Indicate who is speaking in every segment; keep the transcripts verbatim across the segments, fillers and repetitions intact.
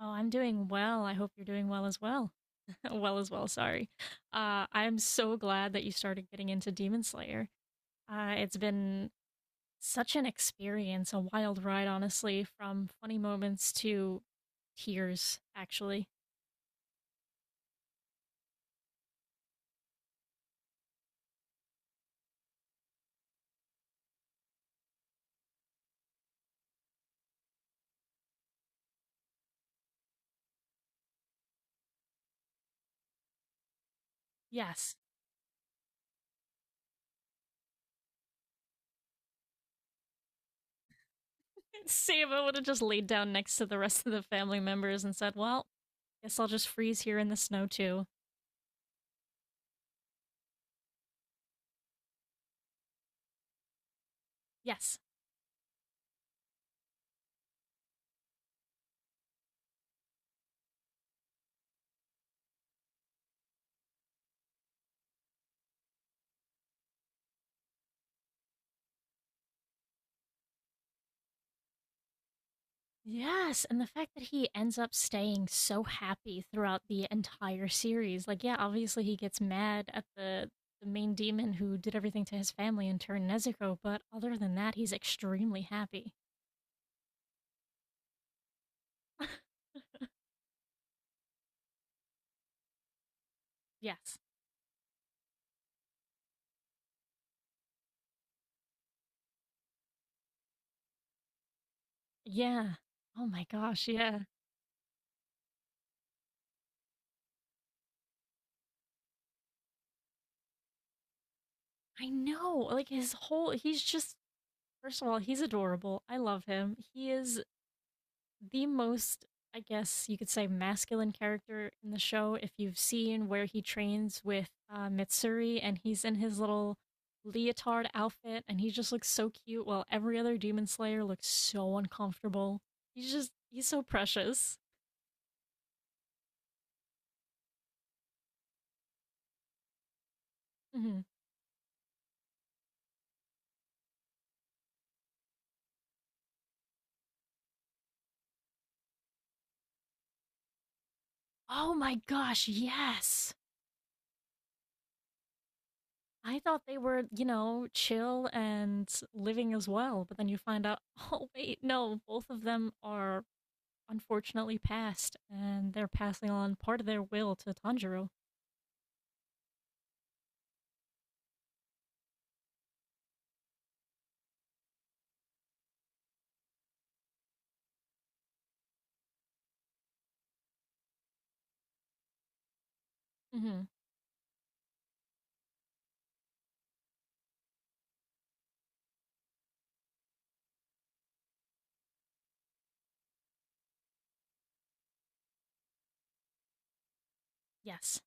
Speaker 1: Oh, I'm doing well. I hope you're doing well as well. Well as well, sorry. Uh, I'm so glad that you started getting into Demon Slayer. Uh, it's been such an experience, a wild ride, honestly, from funny moments to tears, actually. Yes. Saba would have just laid down next to the rest of the family members and said, Well, guess I'll just freeze here in the snow too. Yes. Yes, and the fact that he ends up staying so happy throughout the entire series. Like, yeah, obviously he gets mad at the the main demon who did everything to his family and turned Nezuko, but other than that, he's extremely happy. Yes. Yeah. Oh my gosh, yeah. I know. Like his whole he's just first of all, he's adorable. I love him. He is the most, I guess you could say, masculine character in the show. If you've seen where he trains with uh, Mitsuri, and he's in his little leotard outfit and he just looks so cute, while every other demon slayer looks so uncomfortable. He's just, he's so precious. Hmm. Oh my gosh, yes! I thought they were, you know, chill and living as well, but then you find out, oh, wait, no, both of them are unfortunately passed, and they're passing on part of their will to Tanjiro. Mm-hmm. Yes.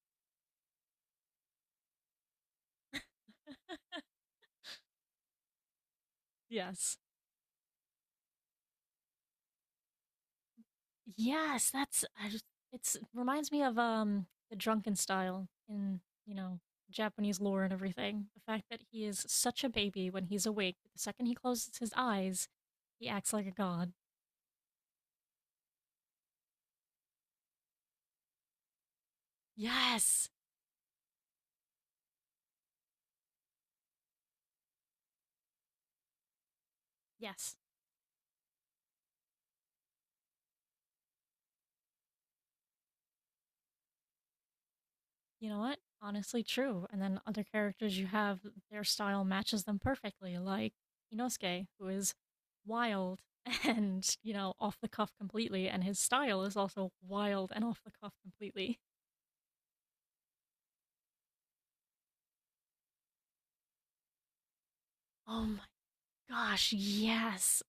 Speaker 1: Yes. Yes, that's I just- it's it reminds me of um the drunken style in, you know, Japanese lore and everything. The fact that he is such a baby when he's awake, the second he closes his eyes, he acts like a god. Yes. Yes. You know what? Honestly, true. And then other characters you have, their style matches them perfectly, like Inosuke, who is wild and, you know, off the cuff completely, and his style is also wild and off the cuff completely. Oh my gosh, yes.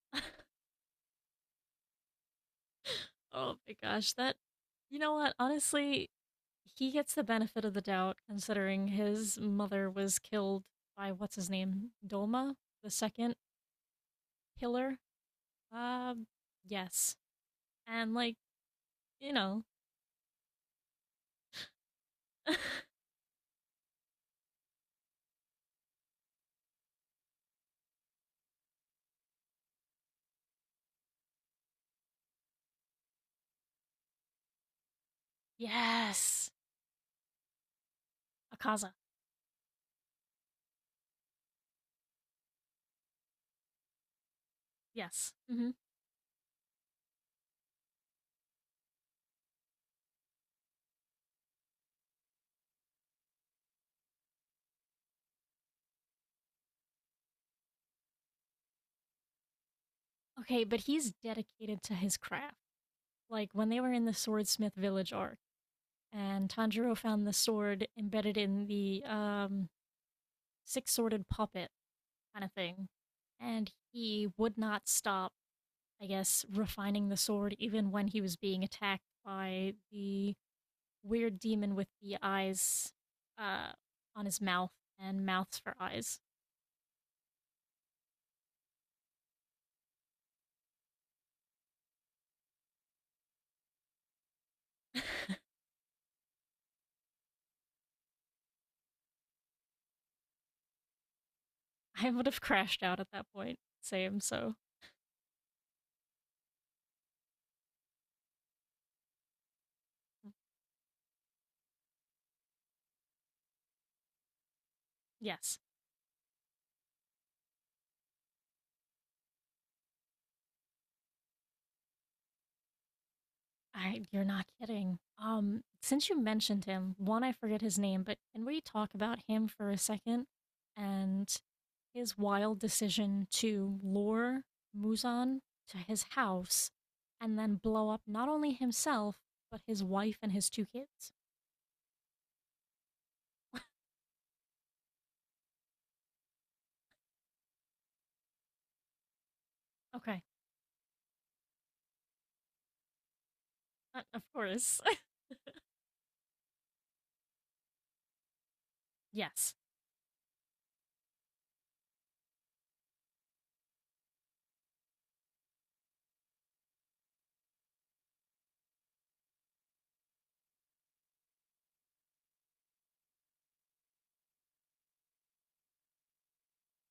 Speaker 1: Oh my gosh, that, you know what? Honestly, he gets the benefit of the doubt considering his mother was killed by what's his name? Dolma, the second pillar. Uh, yes. And like, you know, Yes. Akaza. Yes. Hmm. Okay, but he's dedicated to his craft. Like when they were in the Swordsmith Village arc, and Tanjiro found the sword embedded in the um, six sworded puppet kind of thing. And he would not stop, I guess, refining the sword even when he was being attacked by the weird demon with the eyes uh, on his mouth and mouths for eyes. I would have crashed out at that point. Same. So yes. I. You're not kidding. Um, since you mentioned him, one I forget his name, but can we talk about him for a second and his wild decision to lure Muzan to his house and then blow up not only himself but his wife and his two kids? Okay, uh, of course. Yes.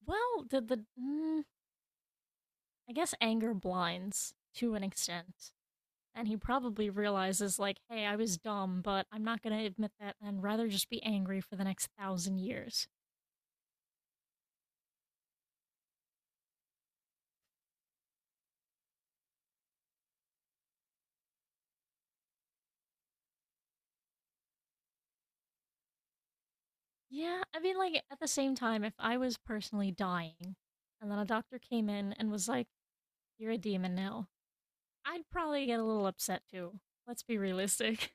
Speaker 1: Well, did the mm, I guess anger blinds to an extent. And he probably realizes, like, hey, I was dumb, but I'm not going to admit that and rather just be angry for the next thousand years. Yeah, I mean, like, at the same time, if I was personally dying and then a doctor came in and was like, you're a demon now, I'd probably get a little upset too. Let's be realistic.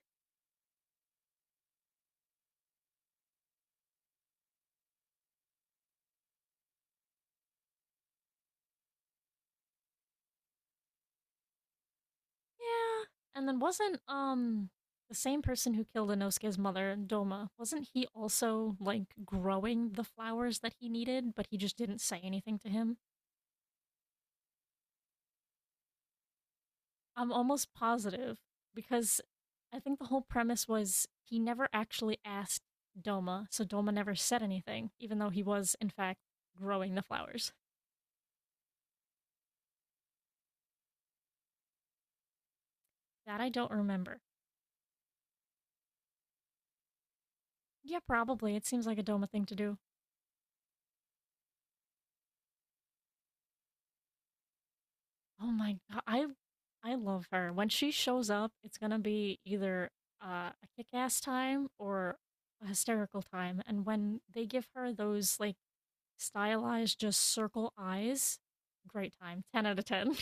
Speaker 1: Yeah. And then wasn't, um, the same person who killed Inosuke's mother, Doma, wasn't he also, like, growing the flowers that he needed, but he just didn't say anything to him? I'm almost positive because I think the whole premise was he never actually asked Doma, so Doma never said anything, even though he was, in fact, growing the flowers. That I don't remember. Yeah, probably. It seems like a Doma thing to do. Oh my god, I, I love her. When she shows up, it's gonna be either uh, a kick-ass time or a hysterical time. And when they give her those like stylized, just circle eyes, great time. Ten out of ten.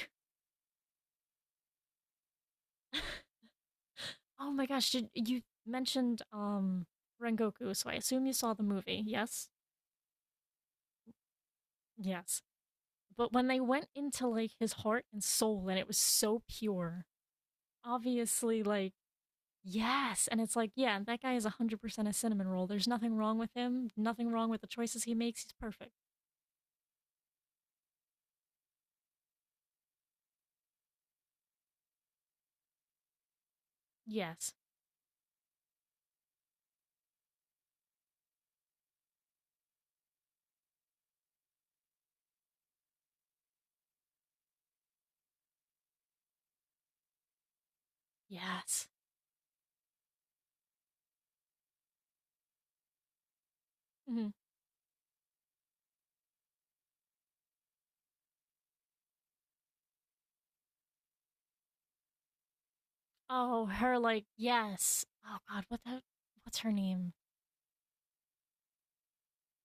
Speaker 1: Oh my gosh, did you mentioned um Rengoku, so I assume you saw the movie. Yes? Yes. But when they went into like his heart and soul, and it was so pure. Obviously like yes, and it's like yeah, that guy is one hundred percent a cinnamon roll. There's nothing wrong with him. Nothing wrong with the choices he makes. He's perfect. Yes. Yes. Hmm. Oh, her like yes. Oh god, what that what's her name?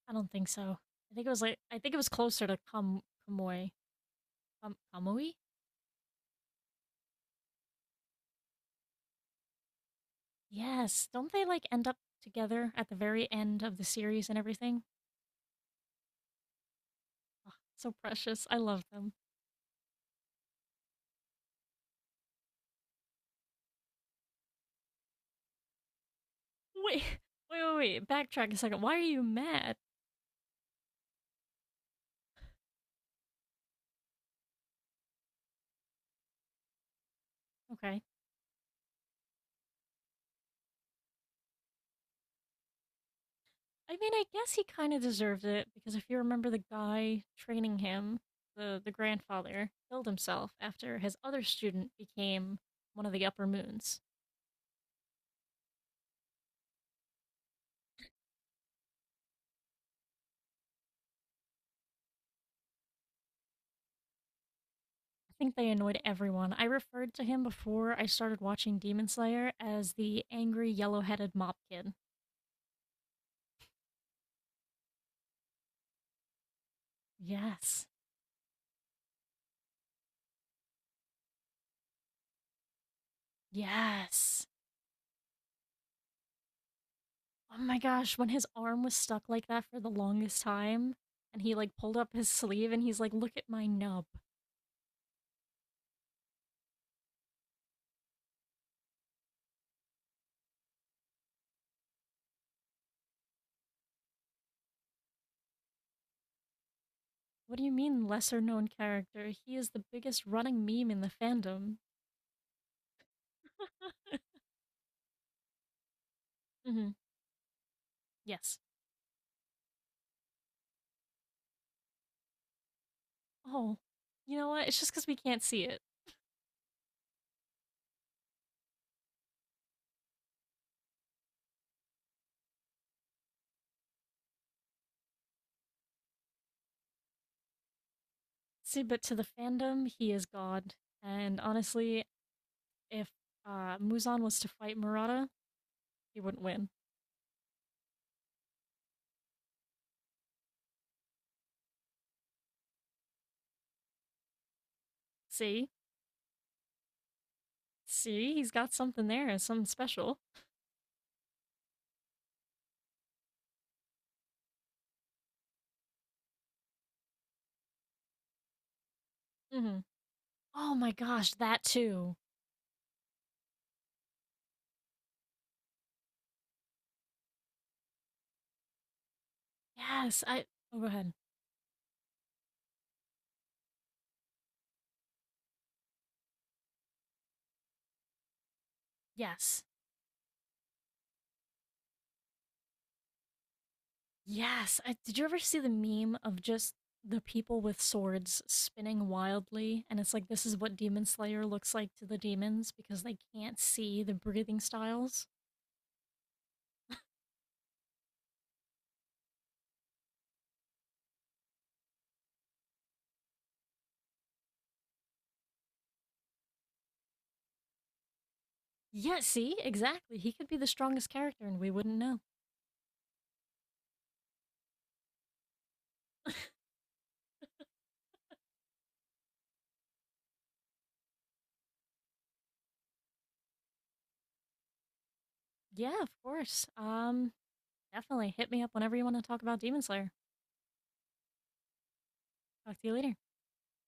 Speaker 1: I don't think so. I think it was like I think it was closer to Kam Kamui. Kam Kamui? Yes. Don't they like end up together at the very end of the series and everything? Ugh, so precious. I love them. Wait, wait, wait, wait. Backtrack a second. Why are you mad? Okay. I mean, I guess he kind of deserved it because if you remember the guy training him, the the grandfather killed himself after his other student became one of the upper moons. I think they annoyed everyone. I referred to him before I started watching Demon Slayer as the angry yellow-headed mop kid. Yes. Yes. Oh my gosh, when his arm was stuck like that for the longest time, and he like pulled up his sleeve and he's like, Look at my nub. What do you mean, lesser known character? He is the biggest running meme in the fandom. Hmm. Yes. Oh, you know what? It's just because we can't see it. See, but to the fandom, he is God. And honestly, if uh, Muzan was to fight Murata, he wouldn't win. See? See? He's got something there, something special. Hmm. Oh my gosh, that too. Yes, I Oh, go ahead. Yes. Yes. I, did you ever see the meme of just the people with swords spinning wildly? And it's like, this is what Demon Slayer looks like to the demons because they can't see the breathing styles. Yeah, see? Exactly. He could be the strongest character and we wouldn't know. Yeah, of course. Um, definitely hit me up whenever you want to talk about Demon Slayer. Talk to you later.